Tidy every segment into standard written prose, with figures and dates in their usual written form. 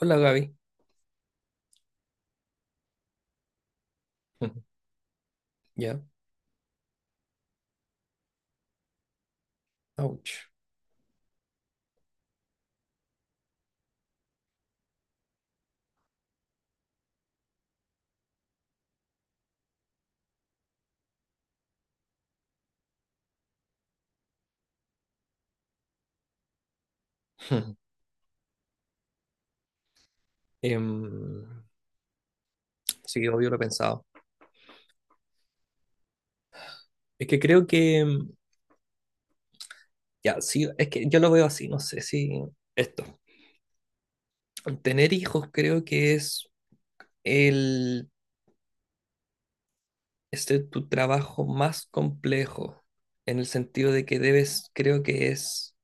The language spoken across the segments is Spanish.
Hola Gaby. Ya, ouch. Em, sí, obvio lo he pensado. Es que creo que, ya, sí, es que yo lo veo así, no sé si esto. Tener hijos creo que es el, tu trabajo más complejo, en el sentido de que debes, creo que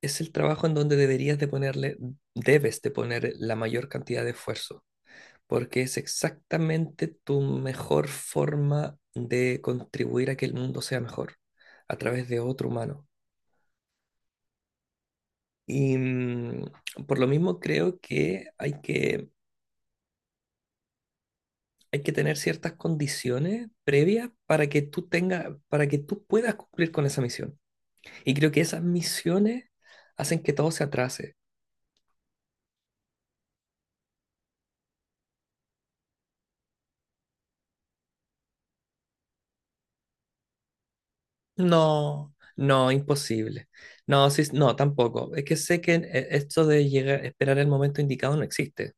es el trabajo en donde deberías de ponerle, debes de poner la mayor cantidad de esfuerzo, porque es exactamente tu mejor forma de contribuir a que el mundo sea mejor a través de otro humano. Y por lo mismo creo que hay que tener ciertas condiciones previas para que para que tú puedas cumplir con esa misión. Y creo que esas misiones hacen que todo se atrase. No, no, imposible. No, sí, no, tampoco. Es que sé que esto de llegar, esperar el momento indicado no existe.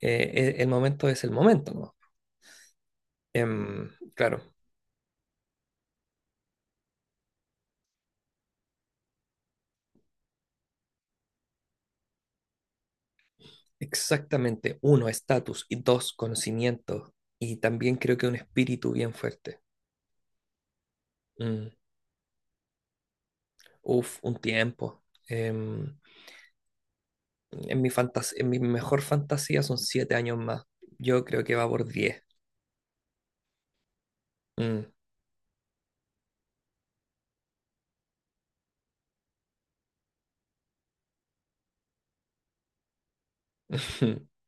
El momento es el momento, ¿no? Em, claro, exactamente. Uno, estatus. Y dos, conocimiento. Y también creo que un espíritu bien fuerte. Mm, uf, un tiempo. Em, en en mi mejor fantasía son 7 años más. Yo creo que va por 10. Mm.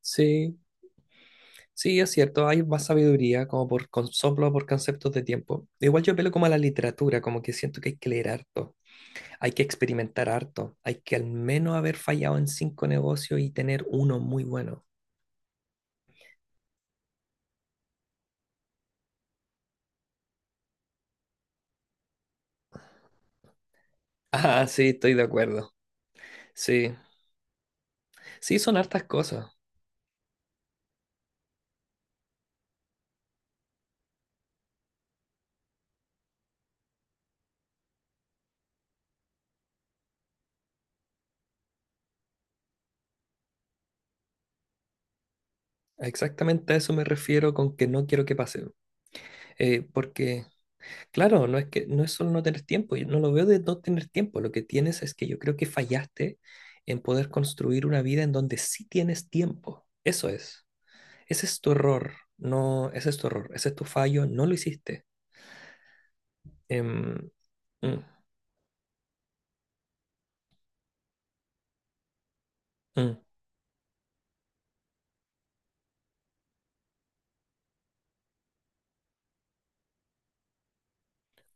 Sí, sí, es cierto. Hay más sabiduría como soplo, por conceptos de tiempo. Igual yo apelo como a la literatura, como que siento que hay que leer harto. Hay que experimentar harto. Hay que al menos haber fallado en 5 negocios y tener uno muy bueno. Ah, sí, estoy de acuerdo. Sí, sí, son hartas cosas. Exactamente a eso me refiero con que no quiero que pase. Porque, claro, no es solo no tener tiempo. Yo no lo veo de no tener tiempo. Lo que tienes es que yo creo que fallaste en poder construir una vida en donde sí tienes tiempo. Eso es. Ese es tu error. No, ese es tu error. Ese es tu fallo. No lo hiciste. Em, mm, mm.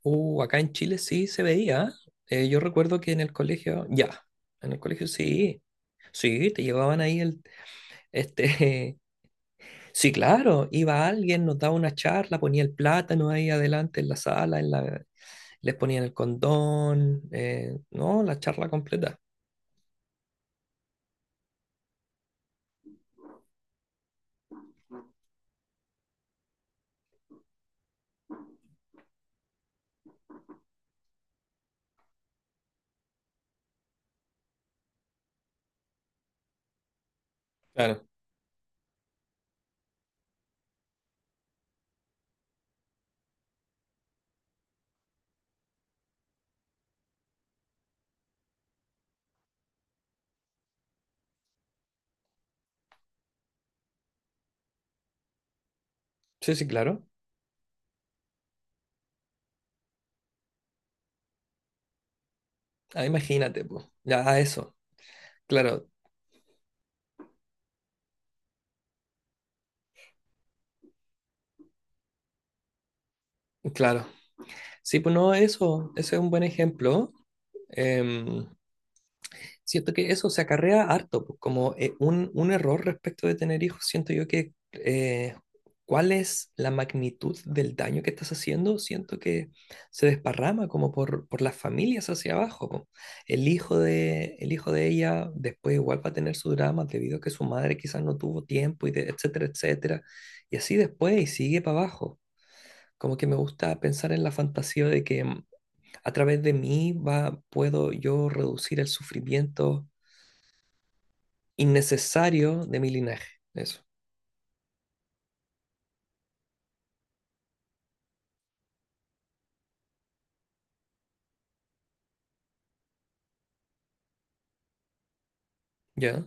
Acá en Chile sí se veía. ¿Eh? Yo recuerdo que en el colegio, ya, en el colegio sí, sí, te llevaban ahí este, sí, claro, iba alguien, nos daba una charla, ponía el plátano ahí adelante en la sala, en la, les ponían el condón, no, la charla completa. Claro, sí, sí, claro. Ah, imagínate, pues, ya eso, claro, claro. Sí, pues no, eso, ese es un buen ejemplo. Em, siento que eso se acarrea harto, pues, como un error respecto de tener hijos, siento yo que cuál es la magnitud del daño que estás haciendo, siento que se desparrama como por las familias hacia abajo. Po. El hijo de ella después igual va a tener su drama debido a que su madre quizás no tuvo tiempo, etcétera, etcétera. Y así después y sigue para abajo. Como que me gusta pensar en la fantasía de que a través de mí puedo yo reducir el sufrimiento innecesario de mi linaje. Eso. Ya,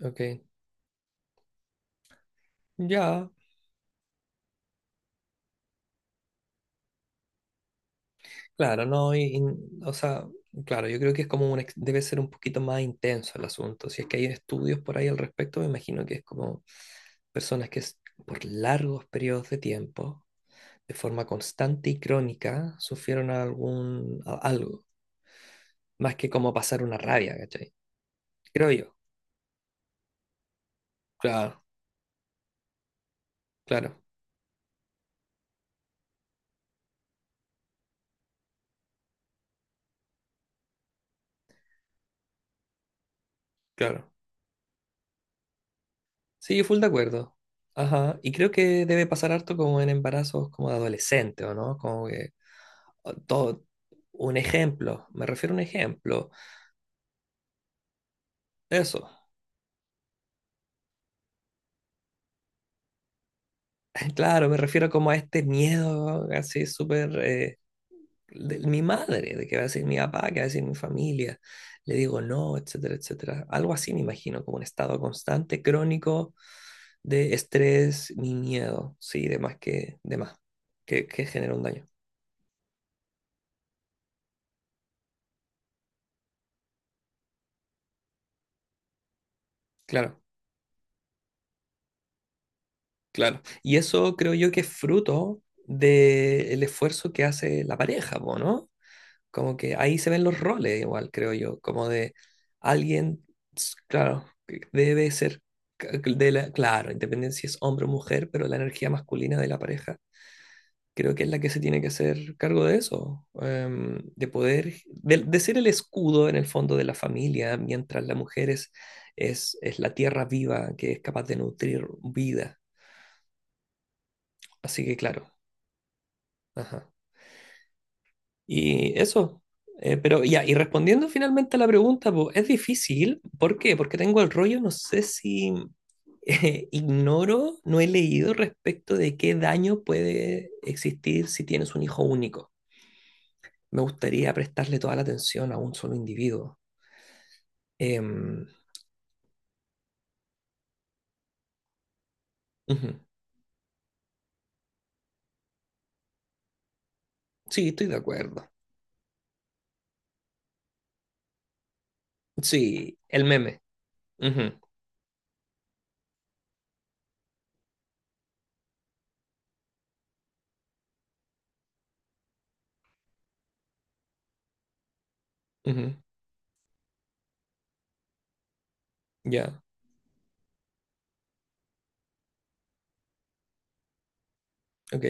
ok. Ya, claro, no, o sea, claro, yo creo que es como debe ser un poquito más intenso el asunto. Si es que hay estudios por ahí al respecto, me imagino que es como personas que s- por largos periodos de tiempo, de forma constante y crónica, sufrieron algo, más que como pasar una rabia, ¿cachai? Creo yo. Claro, claro, claro. Sí, full de acuerdo. Ajá. Y creo que debe pasar harto como en embarazos como de adolescente, ¿o no? Como que o todo un ejemplo, me refiero a un ejemplo. Eso. Claro, me refiero como a este miedo así súper de mi madre, de qué va a decir mi papá, qué va a decir mi familia. Le digo no, etcétera, etcétera. Algo así me imagino, como un estado constante, crónico de estrés, mi miedo, sí, de más, que genera un daño. Claro. Claro, y eso creo yo que es fruto del esfuerzo que hace la pareja, po, ¿no? Como que ahí se ven los roles igual, creo yo, como de alguien, claro, que debe ser, claro, independiente si es hombre o mujer, pero la energía masculina de la pareja creo que es la que se tiene que hacer cargo de eso, de poder, de ser el escudo en el fondo de la familia, mientras la mujer es, es la tierra viva que es capaz de nutrir vida. Así que claro. Ajá. Y eso. Pero ya, y respondiendo finalmente a la pregunta, po, es difícil. ¿Por qué? Porque tengo el rollo, no sé si ignoro, no he leído respecto de qué daño puede existir si tienes un hijo único. Me gustaría prestarle toda la atención a un solo individuo. Em, ujú. Sí, estoy de acuerdo. Sí, el meme. Ujú, ujú. Ya, ok.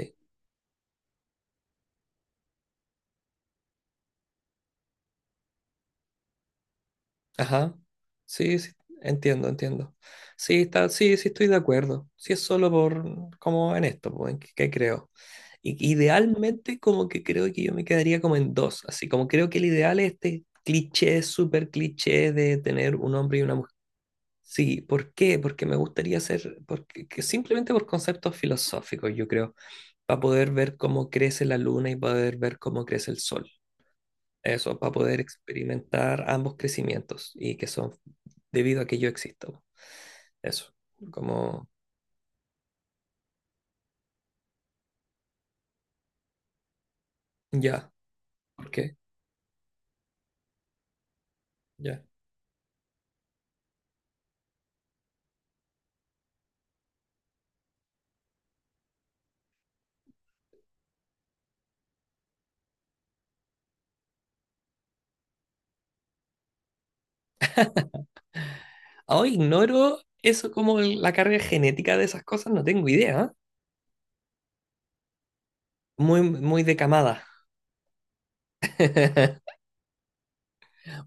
Ajá. Sí, sí, entiendo, entiendo. Sí, está, sí, sí estoy de acuerdo. Sí es solo por, como en esto, pues, que creo. Idealmente como que creo que yo me quedaría como en dos, así como creo que el ideal es este cliché, súper cliché de tener un hombre y una mujer. Sí, ¿por qué? Porque me gustaría ser, porque, que simplemente por conceptos filosóficos, yo creo, para poder ver cómo crece la luna y poder ver cómo crece el sol. Eso, para poder experimentar ambos crecimientos y que son debido a que yo existo. Eso, como ya, ¿por qué? Ya. Ahora ignoro eso como la carga genética de esas cosas, no tengo idea. Muy, muy de camada.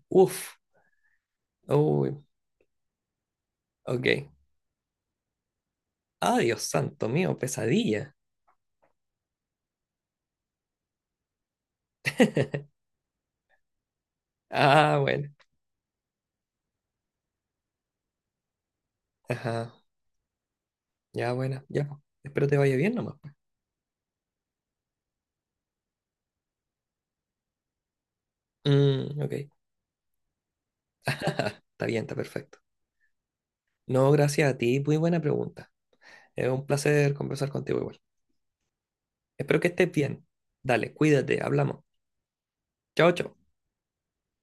Uf, uy, ok. Ah, Dios santo mío, pesadilla. Ah, bueno, ajá, ya, bueno, ya. Espero te vaya bien nomás. Pues. Mm, ok, está bien, está perfecto. No, gracias a ti, muy buena pregunta. Es un placer conversar contigo igual. Espero que estés bien. Dale, cuídate, hablamos. Chao, chao.